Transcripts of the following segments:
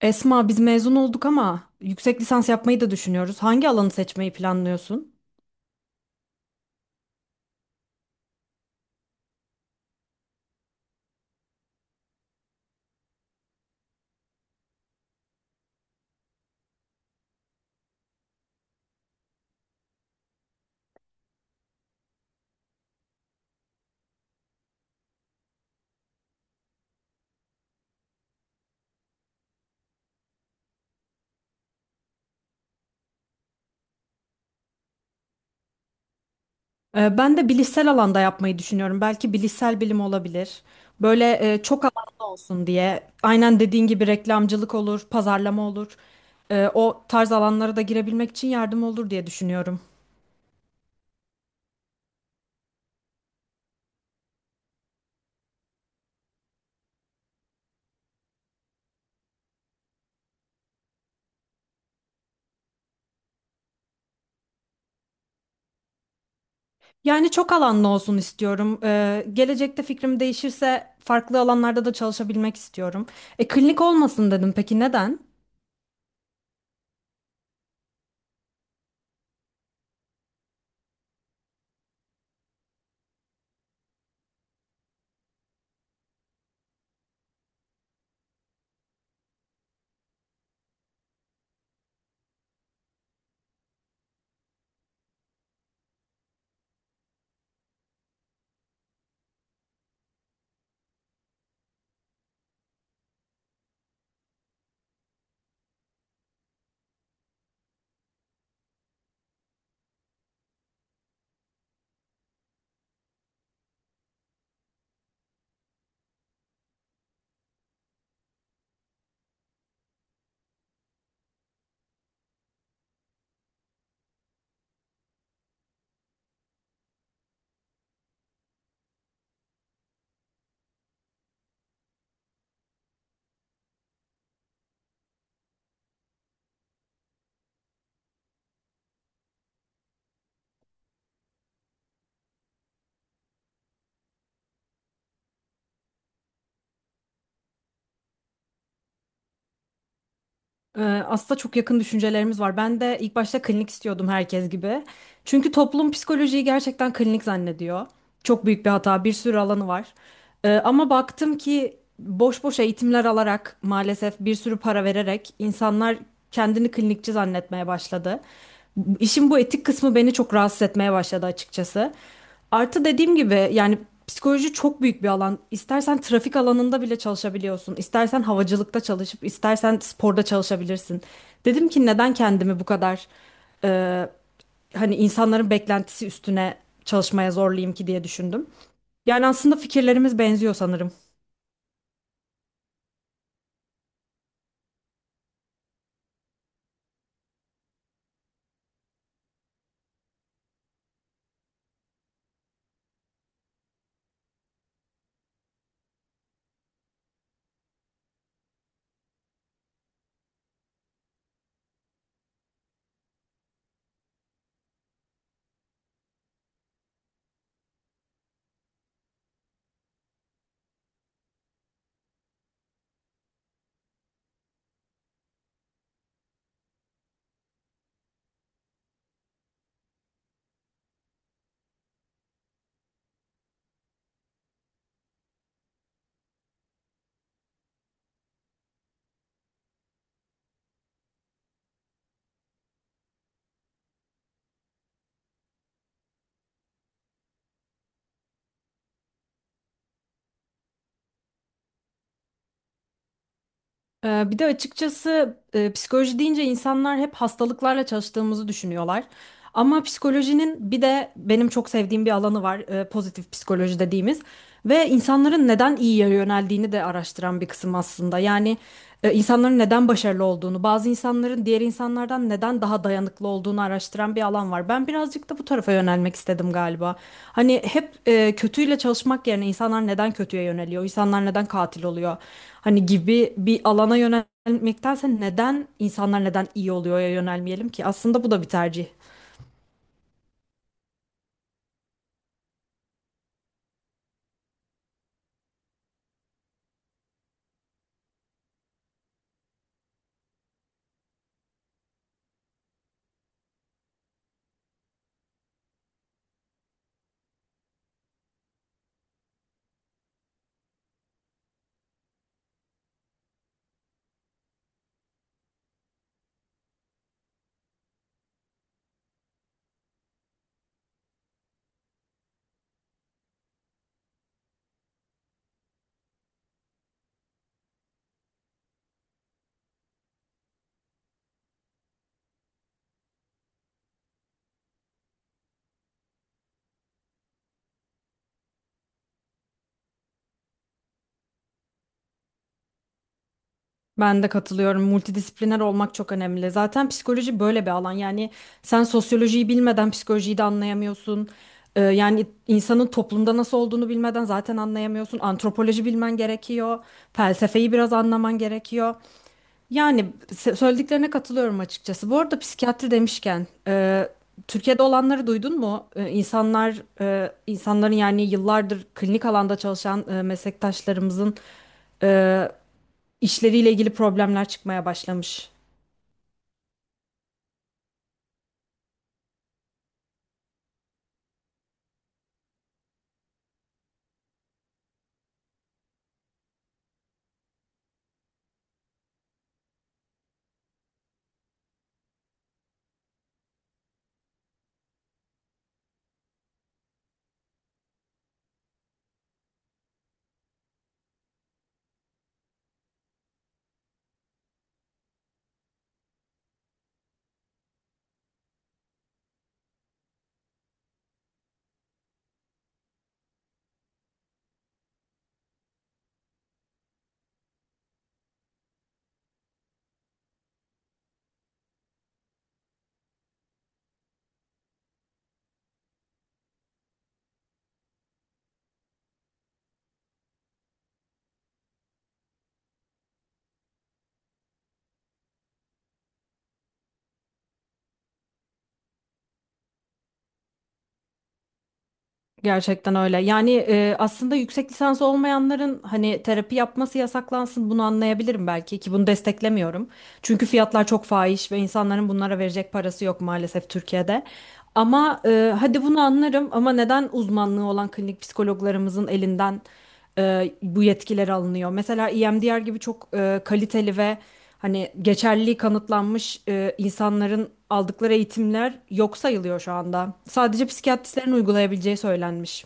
Esma, biz mezun olduk ama yüksek lisans yapmayı da düşünüyoruz. Hangi alanı seçmeyi planlıyorsun? Ben de bilişsel alanda yapmayı düşünüyorum. Belki bilişsel bilim olabilir. Böyle çok alanlı olsun diye. Aynen dediğin gibi reklamcılık olur, pazarlama olur. O tarz alanlara da girebilmek için yardım olur diye düşünüyorum. Yani çok alanlı olsun istiyorum. Gelecekte fikrim değişirse farklı alanlarda da çalışabilmek istiyorum. Klinik olmasın dedim. Peki neden? Ee, Aslında çok yakın düşüncelerimiz var. Ben de ilk başta klinik istiyordum herkes gibi. Çünkü toplum psikolojiyi gerçekten klinik zannediyor. Çok büyük bir hata, bir sürü alanı var. Ama baktım ki boş boş eğitimler alarak maalesef bir sürü para vererek insanlar kendini klinikçi zannetmeye başladı. İşin bu etik kısmı beni çok rahatsız etmeye başladı açıkçası. Artı dediğim gibi yani psikoloji çok büyük bir alan. İstersen trafik alanında bile çalışabiliyorsun. İstersen havacılıkta çalışıp, istersen sporda çalışabilirsin. Dedim ki neden kendimi bu kadar e, hani insanların beklentisi üstüne çalışmaya zorlayayım ki diye düşündüm. Yani aslında fikirlerimiz benziyor sanırım. Bir de açıkçası psikoloji deyince insanlar hep hastalıklarla çalıştığımızı düşünüyorlar. Ama psikolojinin bir de benim çok sevdiğim bir alanı var, pozitif psikoloji dediğimiz ve insanların neden iyiye yöneldiğini de araştıran bir kısım aslında. Yani insanların neden başarılı olduğunu, bazı insanların diğer insanlardan neden daha dayanıklı olduğunu araştıran bir alan var. Ben birazcık da bu tarafa yönelmek istedim galiba. Hani hep kötüyle çalışmak yerine insanlar neden kötüye yöneliyor? İnsanlar neden katil oluyor? Hani gibi bir alana yönelmektense neden insanlar neden iyi oluyor'ya yönelmeyelim ki? Aslında bu da bir tercih. Ben de katılıyorum. Multidisipliner olmak çok önemli. Zaten psikoloji böyle bir alan. Yani sen sosyolojiyi bilmeden psikolojiyi de anlayamıyorsun. Yani insanın toplumda nasıl olduğunu bilmeden zaten anlayamıyorsun. Antropoloji bilmen gerekiyor. Felsefeyi biraz anlaman gerekiyor. Yani söylediklerine katılıyorum açıkçası. Bu arada psikiyatri demişken, Türkiye'de olanları duydun mu? E, insanlar, e, insanların yani yıllardır klinik alanda çalışan meslektaşlarımızın e, işleriyle ilgili problemler çıkmaya başlamış. Gerçekten öyle. Yani aslında yüksek lisans olmayanların hani terapi yapması yasaklansın bunu anlayabilirim belki ki bunu desteklemiyorum. Çünkü fiyatlar çok fahiş ve insanların bunlara verecek parası yok maalesef Türkiye'de. Ama hadi bunu anlarım ama neden uzmanlığı olan klinik psikologlarımızın elinden bu yetkiler alınıyor. Mesela EMDR gibi çok kaliteli ve hani geçerliliği kanıtlanmış insanların aldıkları eğitimler yok sayılıyor şu anda. Sadece psikiyatristlerin uygulayabileceği söylenmiş.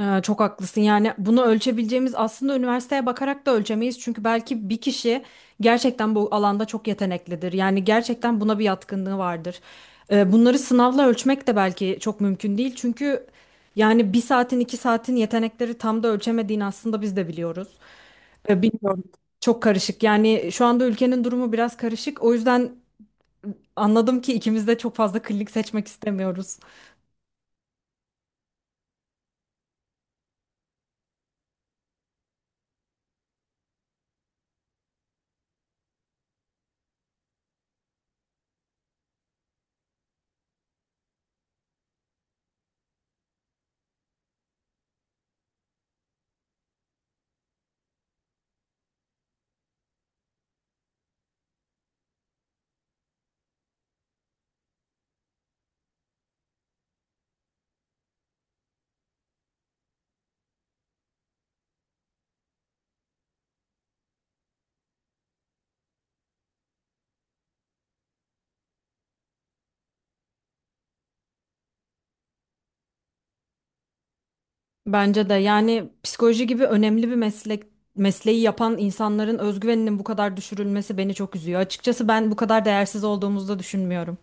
Çok haklısın. Yani bunu ölçebileceğimiz aslında üniversiteye bakarak da ölçemeyiz. Çünkü belki bir kişi gerçekten bu alanda çok yeteneklidir. Yani gerçekten buna bir yatkınlığı vardır. Bunları sınavla ölçmek de belki çok mümkün değil. Çünkü yani bir saatin iki saatin yetenekleri tam da ölçemediğini aslında biz de biliyoruz. Bilmiyorum. Çok karışık. Yani şu anda ülkenin durumu biraz karışık. O yüzden anladım ki ikimiz de çok fazla klinik seçmek istemiyoruz. Bence de yani psikoloji gibi önemli bir meslek mesleği yapan insanların özgüveninin bu kadar düşürülmesi beni çok üzüyor. Açıkçası ben bu kadar değersiz olduğumuzu da düşünmüyorum.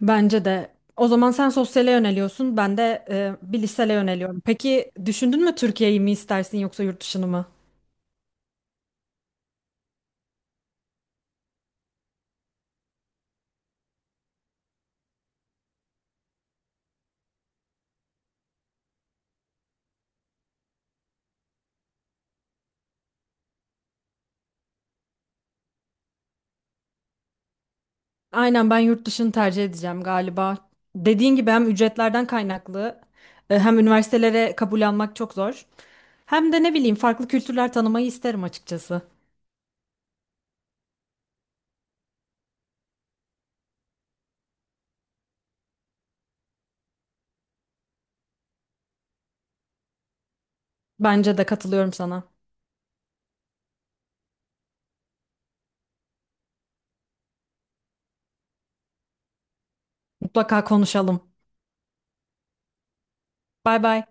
Bence de. O zaman sen sosyale yöneliyorsun, ben de bir lisele yöneliyorum. Peki düşündün mü Türkiye'yi mi istersin yoksa yurt dışını mı? Aynen ben yurt dışını tercih edeceğim galiba. Dediğin gibi hem ücretlerden kaynaklı hem üniversitelere kabul almak çok zor. Hem de ne bileyim farklı kültürler tanımayı isterim açıkçası. Bence de katılıyorum sana. Mutlaka konuşalım. Bay bay.